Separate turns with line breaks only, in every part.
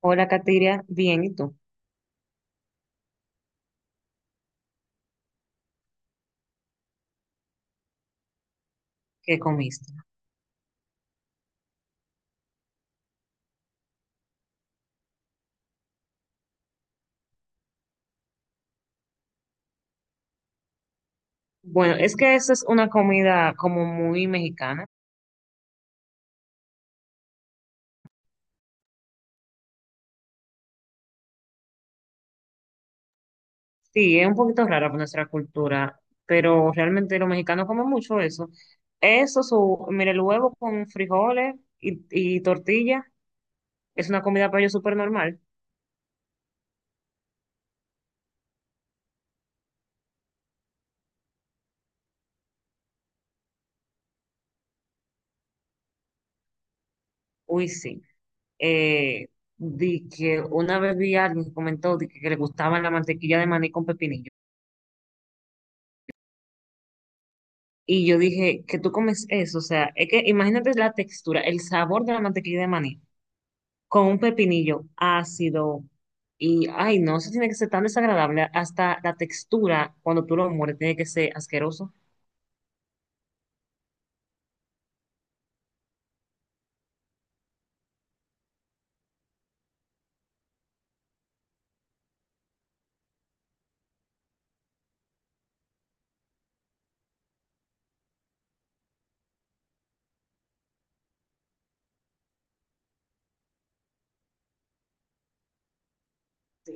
Hola, Katiria. Bien, ¿y tú? ¿Qué comiste? Bueno, es que esa es una comida como muy mexicana. Sí, es un poquito rara por nuestra cultura, pero realmente los mexicanos comen mucho eso. Mire, el huevo con frijoles y tortilla, es una comida para ellos súper normal. Uy, sí. Eh, Di que una vez vi a alguien que comentó que le gustaba la mantequilla de maní con pepinillo. Y yo dije, ¿que tú comes eso? O sea, es que imagínate la textura, el sabor de la mantequilla de maní con un pepinillo ácido. Y ay, no, eso tiene que ser tan desagradable. Hasta la textura, cuando tú lo mueres, tiene que ser asqueroso.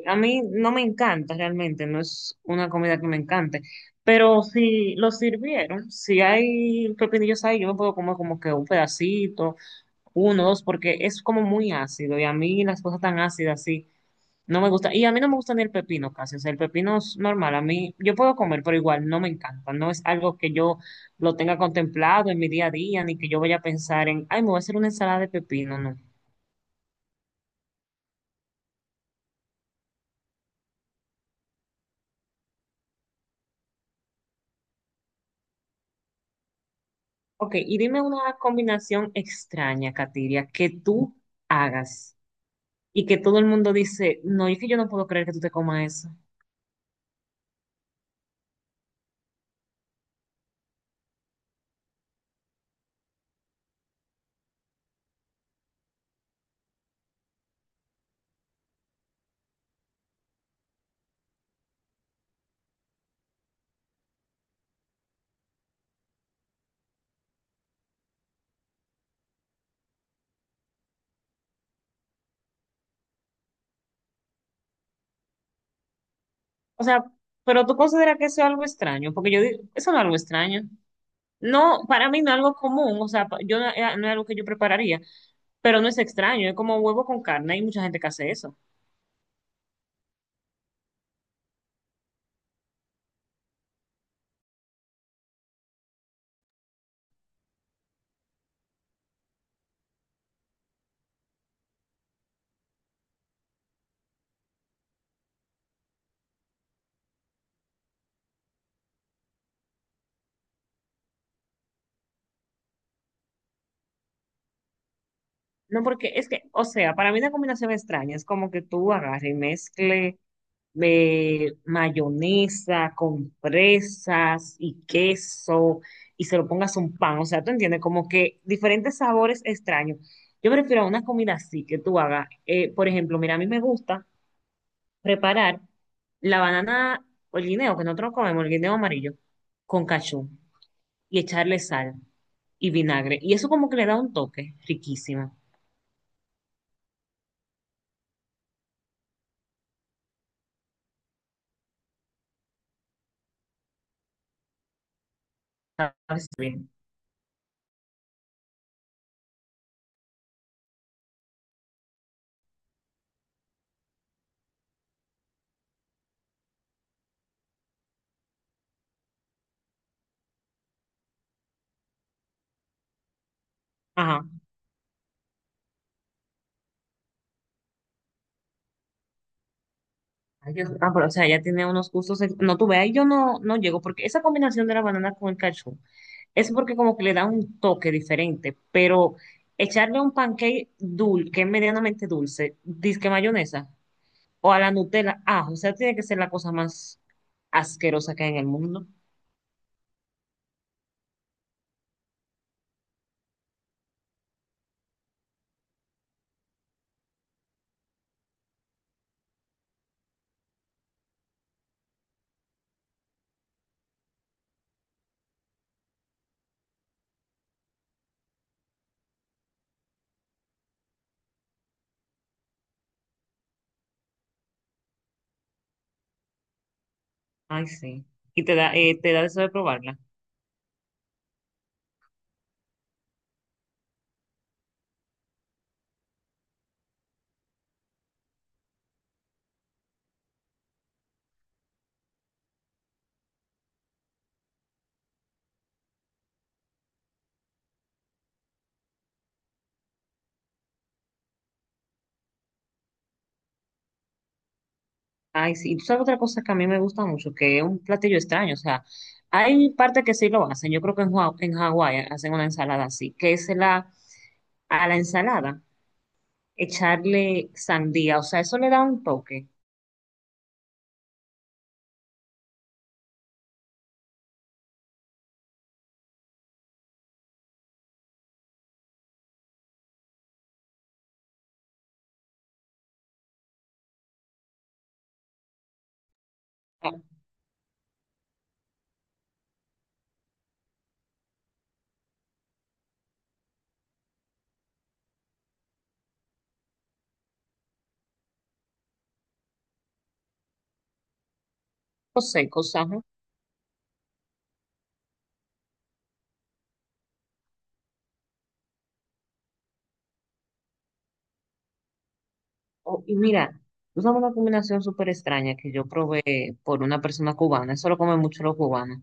A mí no me encanta realmente, no es una comida que me encante. Pero si lo sirvieron, si hay pepinillos ahí, yo me puedo comer como que un pedacito, uno, dos, porque es como muy ácido y a mí las cosas tan ácidas, sí, no me gusta. Y a mí no me gusta ni el pepino casi, o sea, el pepino es normal, a mí yo puedo comer, pero igual no me encanta, no es algo que yo lo tenga contemplado en mi día a día, ni que yo vaya a pensar en, ay, me voy a hacer una ensalada de pepino, no. Ok, y dime una combinación extraña, Katiria, que tú hagas y que todo el mundo dice, no, es que yo no puedo creer que tú te comas eso. O sea, pero tú consideras que eso es algo extraño, porque yo digo, eso no es algo extraño. No, para mí no es algo común, o sea, yo no, no es algo que yo prepararía. Pero no es extraño, es como huevo con carne, hay mucha gente que hace eso. No, porque es que, o sea, para mí una combinación extraña es como que tú agarres y mezcle mayonesa con fresas y queso y se lo pongas a un pan, o sea, tú entiendes, como que diferentes sabores extraños. Yo prefiero una comida así que tú hagas. Por ejemplo, mira, a mí me gusta preparar la banana o el guineo, que nosotros comemos, el guineo amarillo, con cachú y echarle sal y vinagre. Y eso como que le da un toque riquísimo. A veces bien. Ajá. Ay, Dios. Ah, pero o sea, ella tiene unos gustos. No, tú ve, ahí yo no, no llego, porque esa combinación de la banana con el cachú es porque como que le da un toque diferente, pero echarle a un pancake dulce, que es medianamente dulce, disque mayonesa, o a la Nutella, ah, o sea, tiene que ser la cosa más asquerosa que hay en el mundo. Ay, sí. Y te da deseo de probarla. Ay, sí, y tú sabes otra cosa que a mí me gusta mucho, que es un platillo extraño, o sea, hay parte que sí lo hacen, yo creo que en, en Hawái hacen una ensalada así, que es la, a la ensalada echarle sandía, o sea, eso le da un toque, algo seco, o ¿no? O- y mira, tú sabes una combinación súper extraña que yo probé por una persona cubana, eso lo comen mucho los cubanos,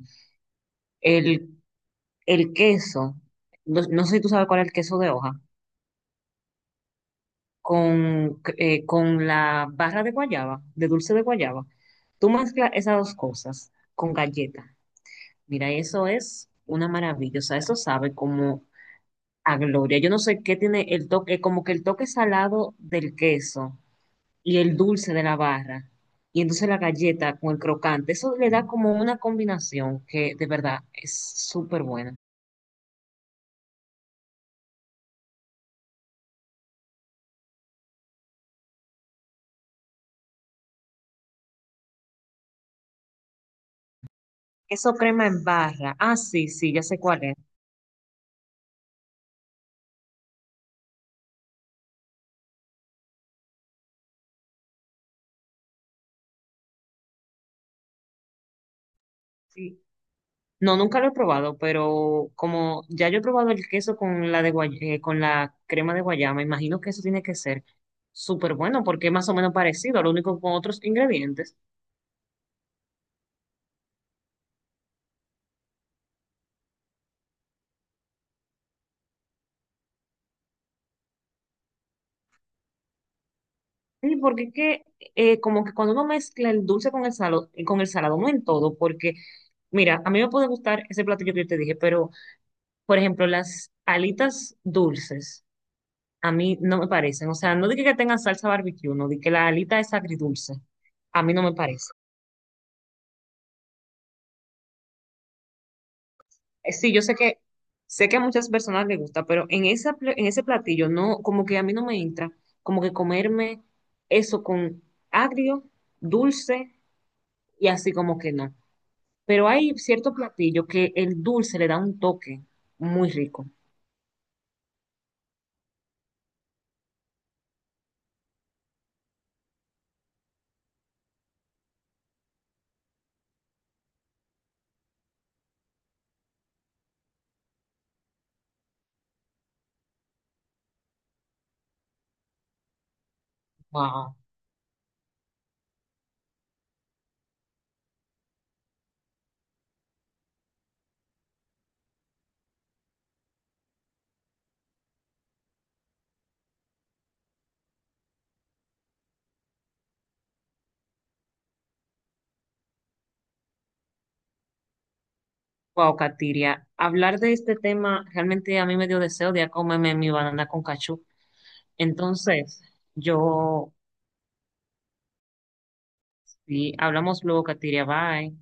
el, el queso, no, no sé si tú sabes cuál es el queso de hoja con la barra de guayaba, de dulce de guayaba. Tú mezclas esas dos cosas con galleta. Mira, eso es una maravilla. O sea, eso sabe como a gloria. Yo no sé qué tiene el toque, como que el toque salado del queso y el dulce de la barra. Y entonces la galleta con el crocante, eso le da como una combinación que de verdad es súper buena. Eso crema en barra. Ah, sí, sí, ya sé cuál es. Sí, no, nunca lo he probado, pero como ya yo he probado el queso con la de con la crema de guayaba, imagino que eso tiene que ser súper bueno porque es más o menos parecido, lo único con otros ingredientes. Sí, porque es que como que cuando uno mezcla el dulce con el salado, no en todo, porque mira, a mí me puede gustar ese platillo que yo te dije, pero por ejemplo, las alitas dulces a mí no me parecen, o sea, no dije que tengan salsa barbecue, no dije que la alita es agridulce, a mí no me parece. Sí, yo sé que a muchas personas les gusta, pero en esa, en ese platillo no, como que a mí no me entra, como que comerme eso con agrio, dulce y así como que no. Pero hay cierto platillo que el dulce le da un toque muy rico. Wow, wow, Katiria. Hablar de este tema realmente a mí me dio deseo de ir a comerme mi banana con cachú. Entonces, yo sí, hablamos luego, Katiria. Bye.